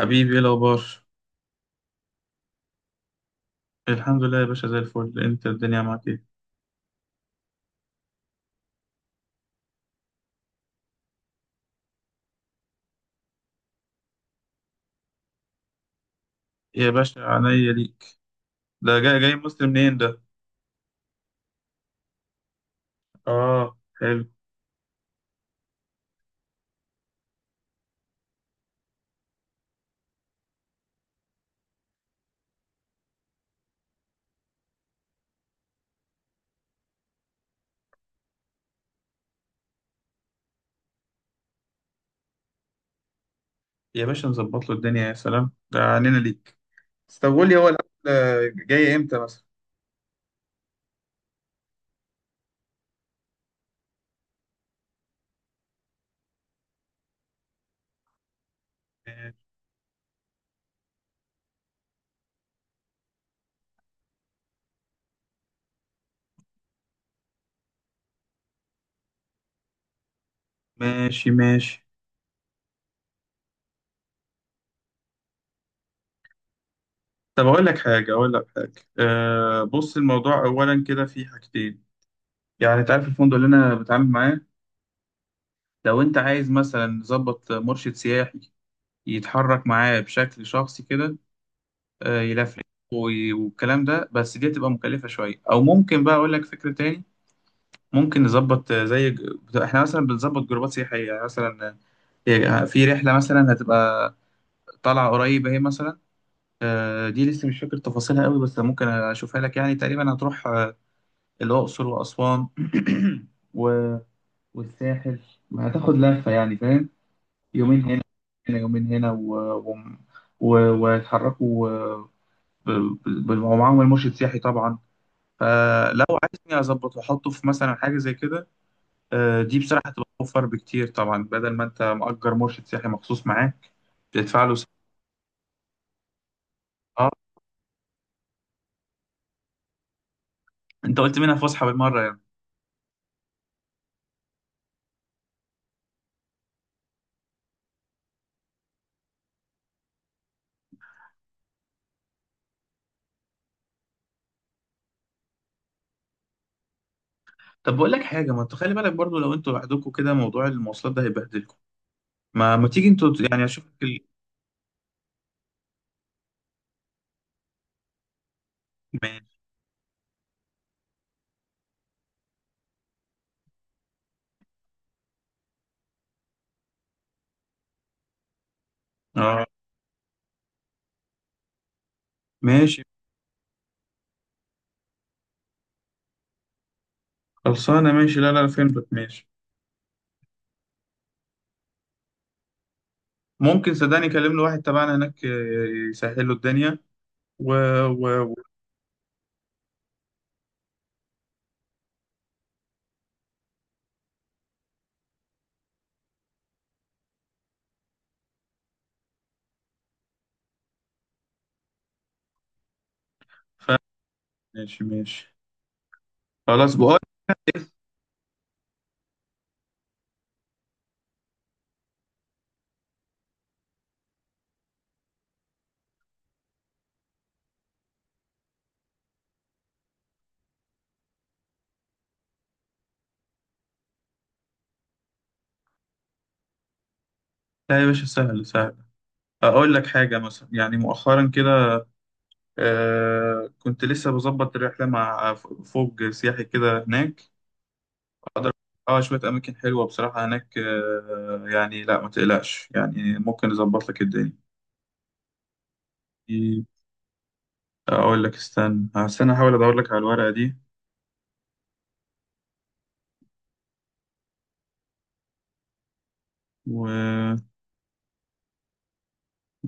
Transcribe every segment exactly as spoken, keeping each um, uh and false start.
حبيبي، ايه الاخبار؟ الحمد لله يا باشا، زي الفل. انت الدنيا معاك ايه؟ يا باشا، عينيا ليك. ده جاي جاي مصر منين ده؟ اه، حلو. يا باشا نظبط له الدنيا، يا سلام، ده عنينا ليك. طب قول لي، هو الاكل جاي امتى مثلا؟ ماشي ماشي. طب اقول لك حاجه اقول لك حاجه آه بص، الموضوع اولا كده في حاجتين. يعني انت عارف الفندق اللي انا بتعامل معاه. لو انت عايز مثلا نظبط مرشد سياحي يتحرك معاه بشكل شخصي كده، آه، يلفلف وي- والكلام ده. بس دي هتبقى مكلفة شوية، أو ممكن بقى أقول لك فكرة تاني. ممكن نظبط، آه، زي ج- بتاع- إحنا مثلا بنظبط جروبات سياحية، يعني مثلا، آه، هي- في رحلة مثلا هتبقى طالعة قريبة هي، مثلا، آه، دي لسه مش فاكر تفاصيلها قوي، بس ممكن أشوفها لك. يعني تقريبا هتروح، آه، الأقصر وأسوان و... والساحل. هتاخد لفة، يعني فاهم، يومين هنا. هنا يومين هنا و... و... و... ويتحركوا، آه، ب- ب- ب- ومعاهم المرشد السياحي طبعا. فلو عايزني اظبط واحطه في مثلا حاجه زي كده، آه، دي بصراحه هتبقى اوفر بكتير طبعا، بدل ما انت مأجر مرشد سياحي مخصوص معاك، بتدفع له س- اه. انت قلت منها فسحه بالمره يعني. طب بقول لك حاجه، ما انت خلي بالك برضو، لو انتوا لوحدكم كده موضوع المواصلات ده هيبهدلكم. ما ما تيجي انتوا، يعني اشوفك ال... ماشي. اه ماشي. خلصانه ماشي، لا لا لا، فهمتك ماشي. ممكن، صدقني، كلمنا واحد تبعنا هناك، آه، يسهل له الدنيا و... و... و... ف... ماشي ماشي. خلاص بقول، لا يا باشا، سهل سهل. اقول لك حاجه، مثلا يعني مؤخرا كده آه كنت لسه بظبط رحله مع فوج سياحي كده هناك. اه، شويه اماكن حلوه بصراحه هناك، آه يعني لا ما تقلقش، يعني ممكن نظبط لك الدنيا. اقول لك استنى استنى، احاول ادور لك على الورقه دي. و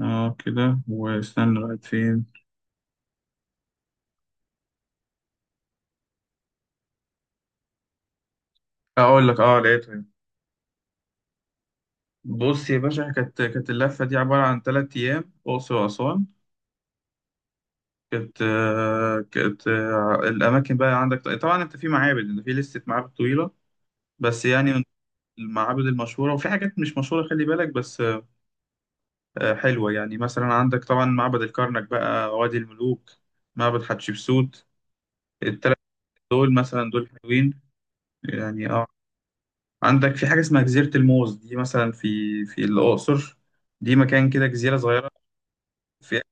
اه كده، واستنى لغايه فين. اقول لك، اه، لقيتها. بص يا باشا، كانت كانت اللفه دي عباره عن ثلاث ايام اقصر واسوان. كانت آه، كانت آه، الأماكن بقى عندك طبعا، أنت في معابد، أنت في لستة معابد طويلة، بس يعني من المعابد المشهورة وفي حاجات مش مشهورة، خلي بالك بس، آه، حلوة. يعني مثلا عندك طبعا معبد الكرنك بقى، وادي الملوك، معبد حتشبسوت، التلات دول مثلا، دول حلوين يعني، اه. عندك في حاجة اسمها جزيرة الموز، دي مثلا في في الأقصر. دي مكان كده، جزيرة صغيرة في.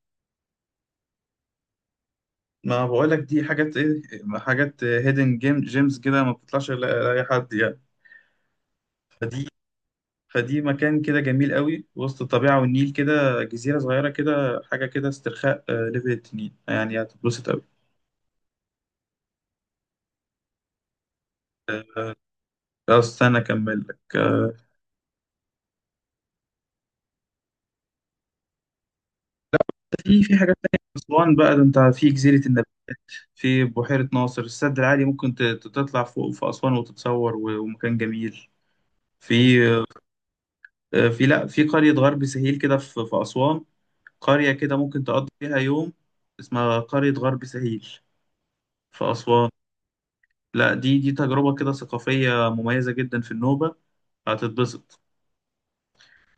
ما بقولك دي حاجات، ايه، حاجات هيدن جيم جيمز كده، ما بتطلعش لأي حد يعني. فدي فدي مكان كده جميل قوي، وسط الطبيعة والنيل، كده جزيرة صغيرة، كده حاجة كده استرخاء، آه، ليفل التنين، يعني هتتبسط قوي. آه، استنى أكمل لك، آه، في في حاجات تانية في أسوان بقى. ده أنت في جزيرة النبات، في بحيرة ناصر، السد العالي، ممكن ت- ت- تطلع فوق في أسوان وتتصور، و- ومكان جميل في، آه، في لا في قرية غرب سهيل كده، في في أسوان. قرية كده ممكن تقضي فيها يوم، اسمها قرية غرب سهيل في أسوان. لا، دي دي تجربة كده ثقافية مميزة جدا في النوبة، هتتبسط.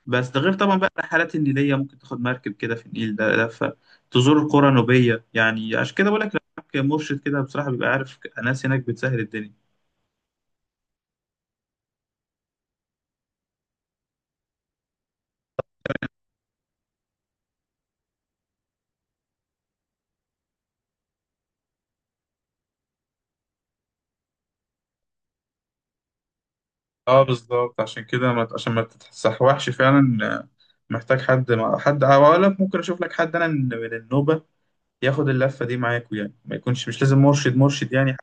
بس ده غير طبعا بقى الرحلات النيلية، ممكن تاخد مركب كده في النيل، ده لفة تزور القرى النوبية. يعني عشان كده بقول لك، لو معاك مرشد كده بصراحة، بيبقى عارف ناس هناك بتسهل الدنيا. اه بالظبط، عشان كده ما عشان ما تتسحوحش فعلا، آه، محتاج حد، مع حد، او اقول لك ممكن اشوف لك حد انا من من النوبه، ياخد اللفه دي معاكوا، يعني ما يكونش مش لازم مرشد مرشد يعني.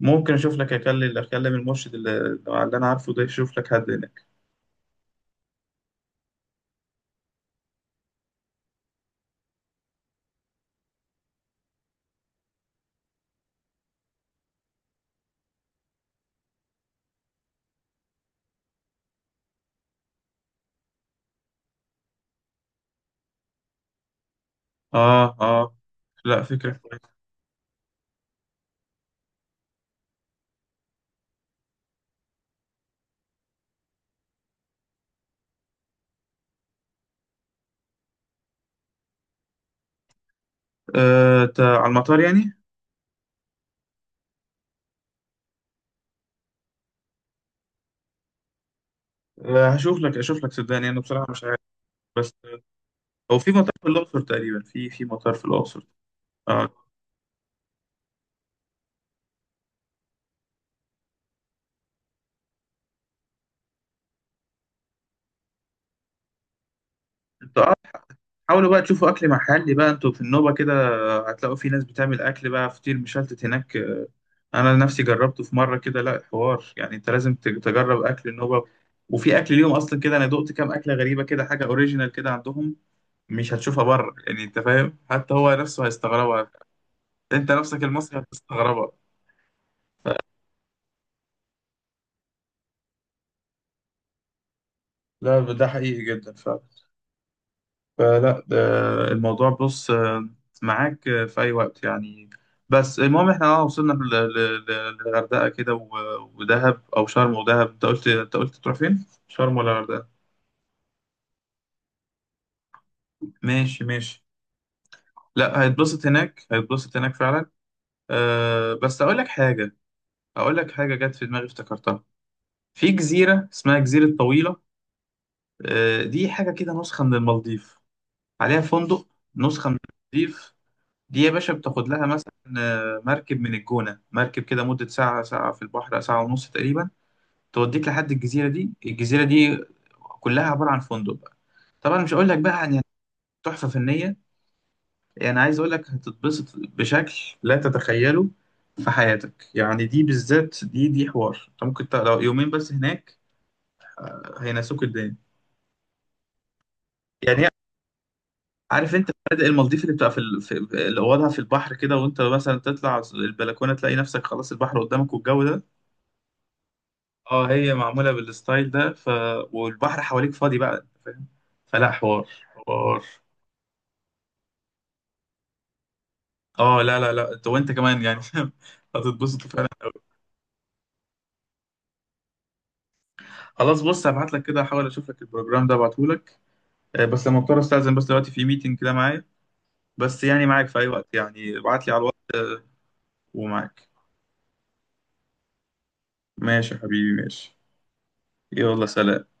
ممكن اشوف لك، اكلم اكلم المرشد اللي اللي انا عارفه ده، يشوف لك حد هناك. اه اه. لا، فكرة كويسة. آه تا- على المطار يعني. آه هشوف لك اشوف لك، صدقني، انا بصراحة مش عارف. بس، آه، هو في مطار في الأقصر تقريبا، في في مطار في الأقصر. اه. انت، آه حاولوا بقى تشوفوا اكل محلي بقى، انتوا في النوبة كده، آه، هتلاقوا في ناس بتعمل اكل بقى، فطير مشلتت هناك، آه. انا نفسي جربته في مرة كده، لا حوار، يعني انت لازم ت- تجرب اكل النوبة. وفي اكل ليهم اصلا كده، انا دقت كام اكلة غريبة كده، حاجة اوريجينال كده عندهم، مش هتشوفها بره يعني، انت فاهم، حتى هو نفسه هيستغربها. انت نفسك المصري هتستغربها. لا، ده حقيقي جدا فعلا. فلا ده الموضوع، بص، آه، معاك آه، في اي وقت يعني. بس المهم احنا، اه، وصلنا ل- ل- ل- للغردقه كده و- ودهب او شرم ودهب. انت قلت انت قلت تروح فين، شرم ولا الغردقه؟ ماشي ماشي. لا، هيتبسط هناك، هيتبسط هناك فعلا. أه، بس اقول لك حاجه اقول لك حاجه جت في دماغي افتكرتها. في جزيره اسمها جزيره طويله. أه دي حاجه كده نسخه من المالديف، عليها فندق. نسخه من المالديف. دي يا باشا بتاخد لها مثلا، آه، مركب من الجونة، مركب كده مدة ساعة، ساعة في البحر، ساعة ونص تقريبا، توديك لحد الجزيرة دي الجزيرة دي كلها عبارة عن فندق بقى، طبعا مش هقول لك بقى عن، يعني، تحفة فنية. يعني عايز اقول لك هتتبسط بشكل لا تتخيله في حياتك. يعني دي بالذات، دي دي حوار، انت ممكن ت- لو يومين بس هناك، هينسوك الدنيا. يعني هي- عارف انت فنادق المالديف اللي بتبقى في ال- في- اللي اوضها في البحر كده، وانت مثلا تطلع البلكونه تلاقي نفسك خلاص، البحر قدامك والجو ده، اه، هي معمولة بالستايل ده. ف... والبحر حواليك فاضي بقى، فاهم؟ فلا حوار، حوار. اه، لا لا لا، انت، وانت كمان يعني فاهم، هتتبسط فعلا. خلاص بص، هبعت لك كده، احاول اشوف لك البروجرام ده ابعته لك. آه، بس لما اضطر استاذن، بس دلوقتي في ميتنج كده معايا. بس يعني معاك في اي وقت، يعني ابعت لي على الوقت ومعاك. ماشي يا حبيبي، ماشي. يلا سلام.